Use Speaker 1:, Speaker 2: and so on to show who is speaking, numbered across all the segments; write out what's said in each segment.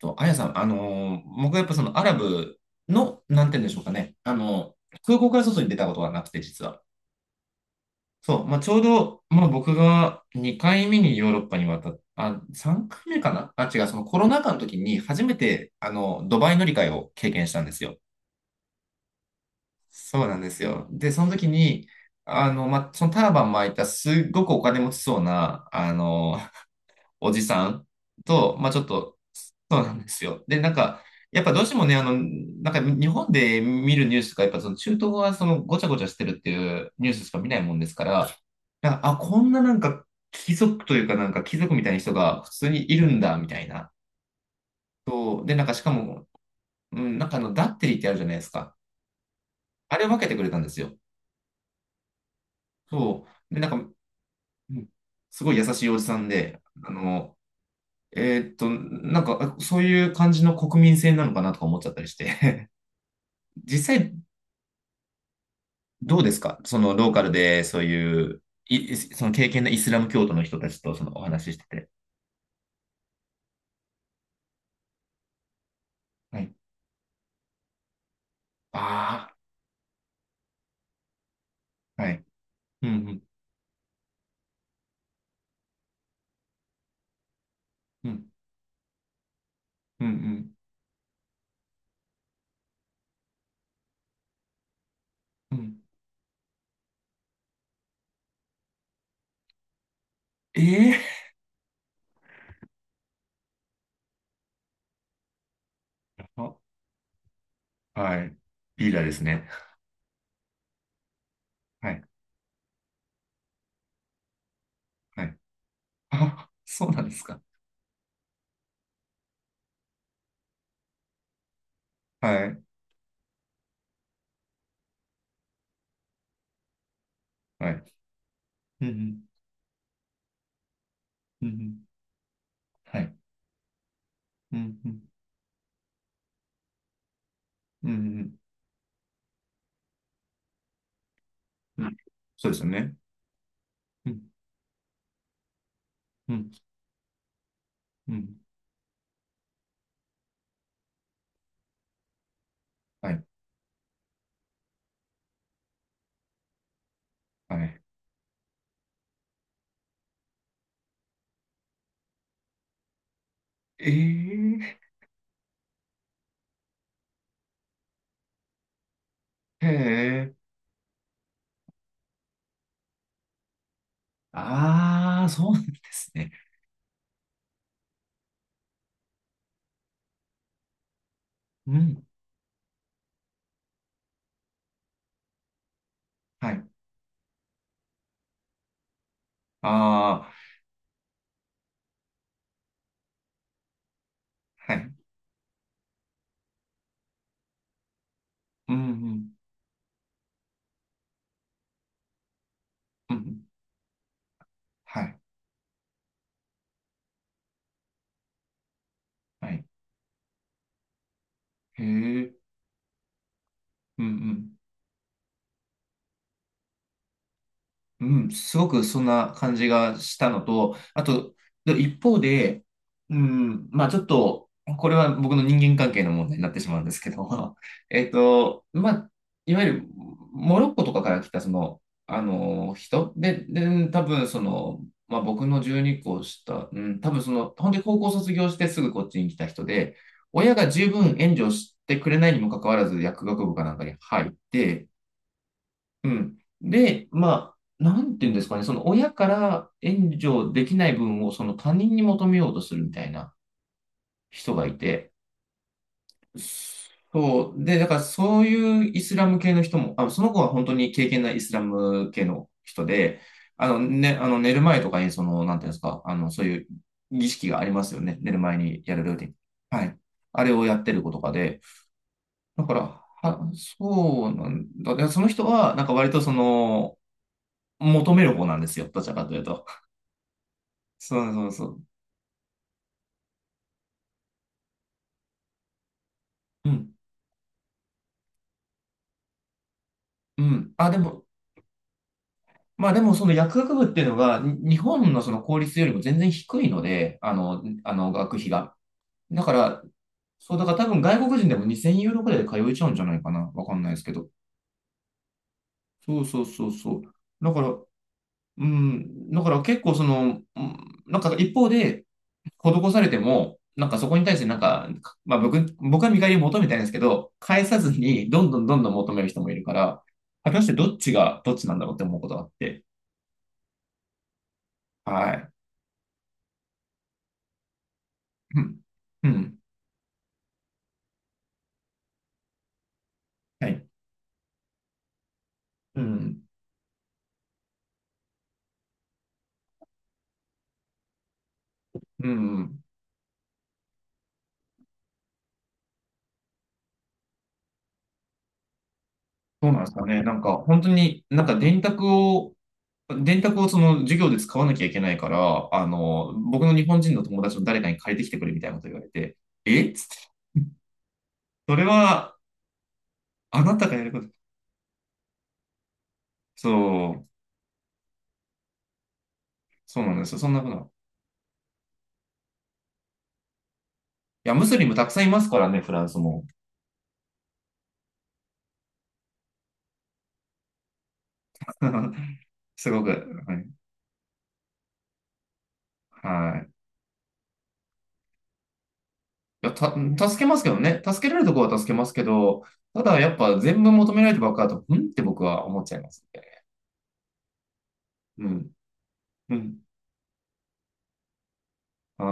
Speaker 1: と、あやさん、僕はやっぱそのアラブの、なんて言うんでしょうかね、あの空港から外に出たことがなくて、実は。そう、まあ、ちょうど、まあ、僕が2回目にヨーロッパに渡っあ、3回目かなあ、違う、そのコロナ禍の時に初めて、あの、ドバイ乗り換えを経験したんですよ。そうなんですよ。で、その時に、あの、まあ、そのターバン巻いたすっごくお金持ちそうな、あの、おじさんと、まあちょっと、そうなんですよ。で、なんか、やっぱどうしてもね、あの、なんか日本で見るニュースとか、やっぱその中東はそのごちゃごちゃしてるっていうニュースしか見ないもんですから、なんか、あ、こんななんか貴族というかなんか貴族みたいな人が普通にいるんだ、みたいな。そう。で、なんかしかも、うん、なんかあの、ダッテリーってあるじゃないですか。あれを分けてくれたんですよ。そう。で、なんか、うんすごい優しいおじさんで、あの、なんか、そういう感じの国民性なのかなとか思っちゃったりして。実際、どうですかそのローカルで、そういう、い、その経験のイスラム教徒の人たちとそのお話ししてて。はい。ああ、はい。うん、うん、うん、うん、うん。うんええー、あはい。リーダーですね。はい、はい。あ、そうなんですか。はい、はい。うん、うん、うんうんはい。うん、うん、うん、うん。うんそうですよね。うん、うん、うん。はい、はい。ええへえ。ああ、そうなんですね。うん。はい。ああ、はい。うんうん。うんうん。はい。はい。へえ。うんうん。うん、すごくそんな感じがしたのと、あと、で一方で、うん、まあちょっと、これは僕の人間関係の問題になってしまうんですけど、まあ、いわゆるモロッコとかから来たその、あの、人で、で、多分その、まあ僕の12個下、うん、多分その、本当に高校卒業してすぐこっちに来た人で、親が十分援助してくれないにもかかわらず薬学部かなんかに入って、うん。で、まあ、なんていうんですかね、その親から援助できない分をその他人に求めようとするみたいな人がいて、そう、で、だからそういうイスラム系の人も、あ、その子は本当に経験ないイスラム系の人で、あの、ね、あの寝る前とかに、その、なんていうんですか、あの、そういう儀式がありますよね。寝る前にやるルーティン。はい。あれをやってる子とかで、だから、は、そうなんだ。でその人は、なんか割とその、求める方なんですよ。どちらかというと。そうそうそう。うん。うん。あ、でも、まあでもその薬学部っていうのが、に日本のその公立よりも全然低いので、あの、学費が。だから、そう、だから多分外国人でも2000ユーロくらいで通えちゃうんじゃないかな。わかんないですけど。そうそうそうそう。だから、うん、だから結構その、うんなんか一方で、施されても、なんかそこに対してなんか、まあ僕は見返りを求めたいんですけど、返さずにどんどんどんどん求める人もいるから、果たしてどっちがどっちなんだろうって思うことがあって。はい。うん。うん。はい。うん。うん。そうなんですかね。なんか本当になんか電卓をその授業で使わなきゃいけないから、あの、僕の日本人の友達の誰かに借りてきてくれみたいなこと言われて、えっつって。それは、あなたがやること。そう、そうなんですよ。そんなことは。いや、ムスリムたくさんいますからね、フランスも。すごく。はい。はい。いや、助けますけどね。助けられるところは助けますけど、ただやっぱ全部求められてばっかだと、うんって僕は思っちゃいますね。うん。うん。あ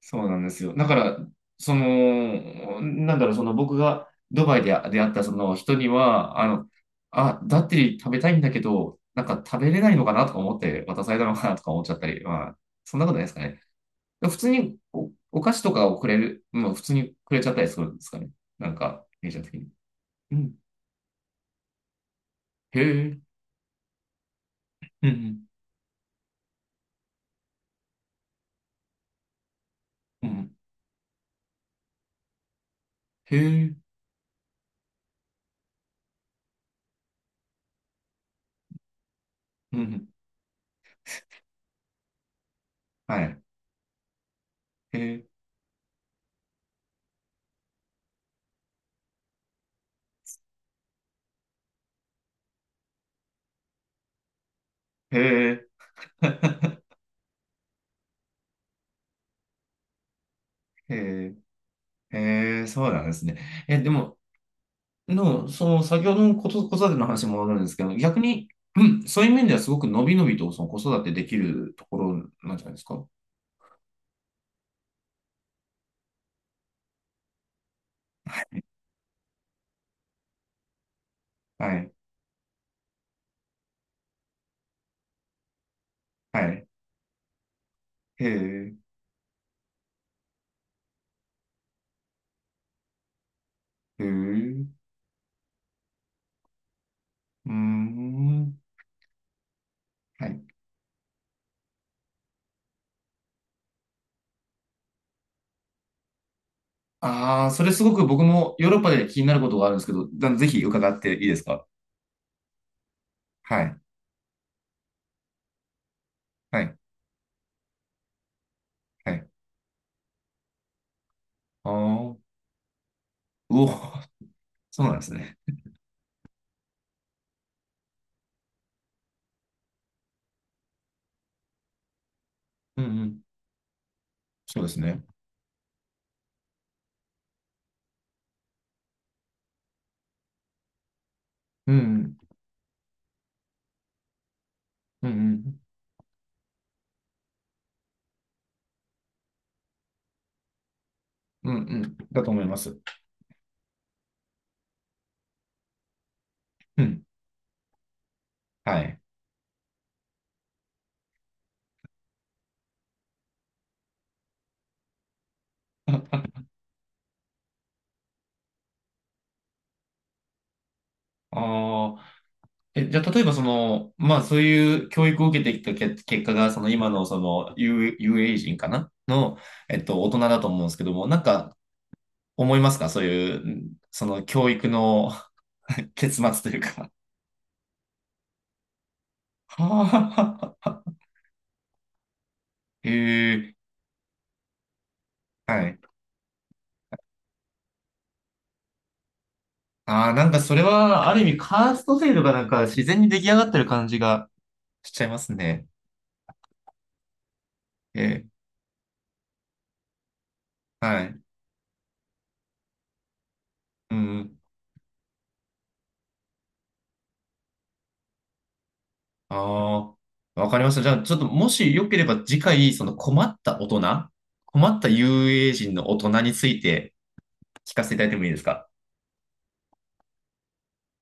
Speaker 1: そうなんですよ。だから、その、なんだろう、その僕がドバイで出会ったその人には、あの、あ、ダッテリー食べたいんだけど、なんか食べれないのかなとか思って渡されたのかなとか思っちゃったり、まあ、そんなことないですかね。普通にお菓子とかをくれる、まあ普通にくれちゃったりするんですかね。なんか、メジャー的に。うん、へえ、うん、うん、へえ、うん、はい、へえ、へえ、へえ、へえ、そうなんですね。え、でも、の、その先ほどのこと子育ての話に戻るんですけど、逆に、うんそういう面ではすごく伸び伸びとその子育てできるところなんじゃないですか。はい。はい。へえ、へえ、うーん。はい。ああ、それすごく僕もヨーロッパで気になることがあるんですけど、だぜひ伺っていいですか。はい。はい。はい。ああ、うお、そうなんですね。うんうん。そうですね。うんうん。うんうん。うんうん。だと思います。うん。はい。ああー。え、じゃあ、例えばその、まあそういう教育を受けてきたけ結果が、その今のその UA 人かなの、大人だと思うんですけども、なんか思いますかそういう、んその教育の 結末というかはぁ へえはい。ああ、なんかそれは、ある意味、カースト制度がなんか自然に出来上がってる感じがしちゃいますね。えーはい。うん。ああ、わかりました。じゃあ、ちょっともしよければ次回、その困った大人、困った遊泳人の大人について聞かせていただいてもいいですか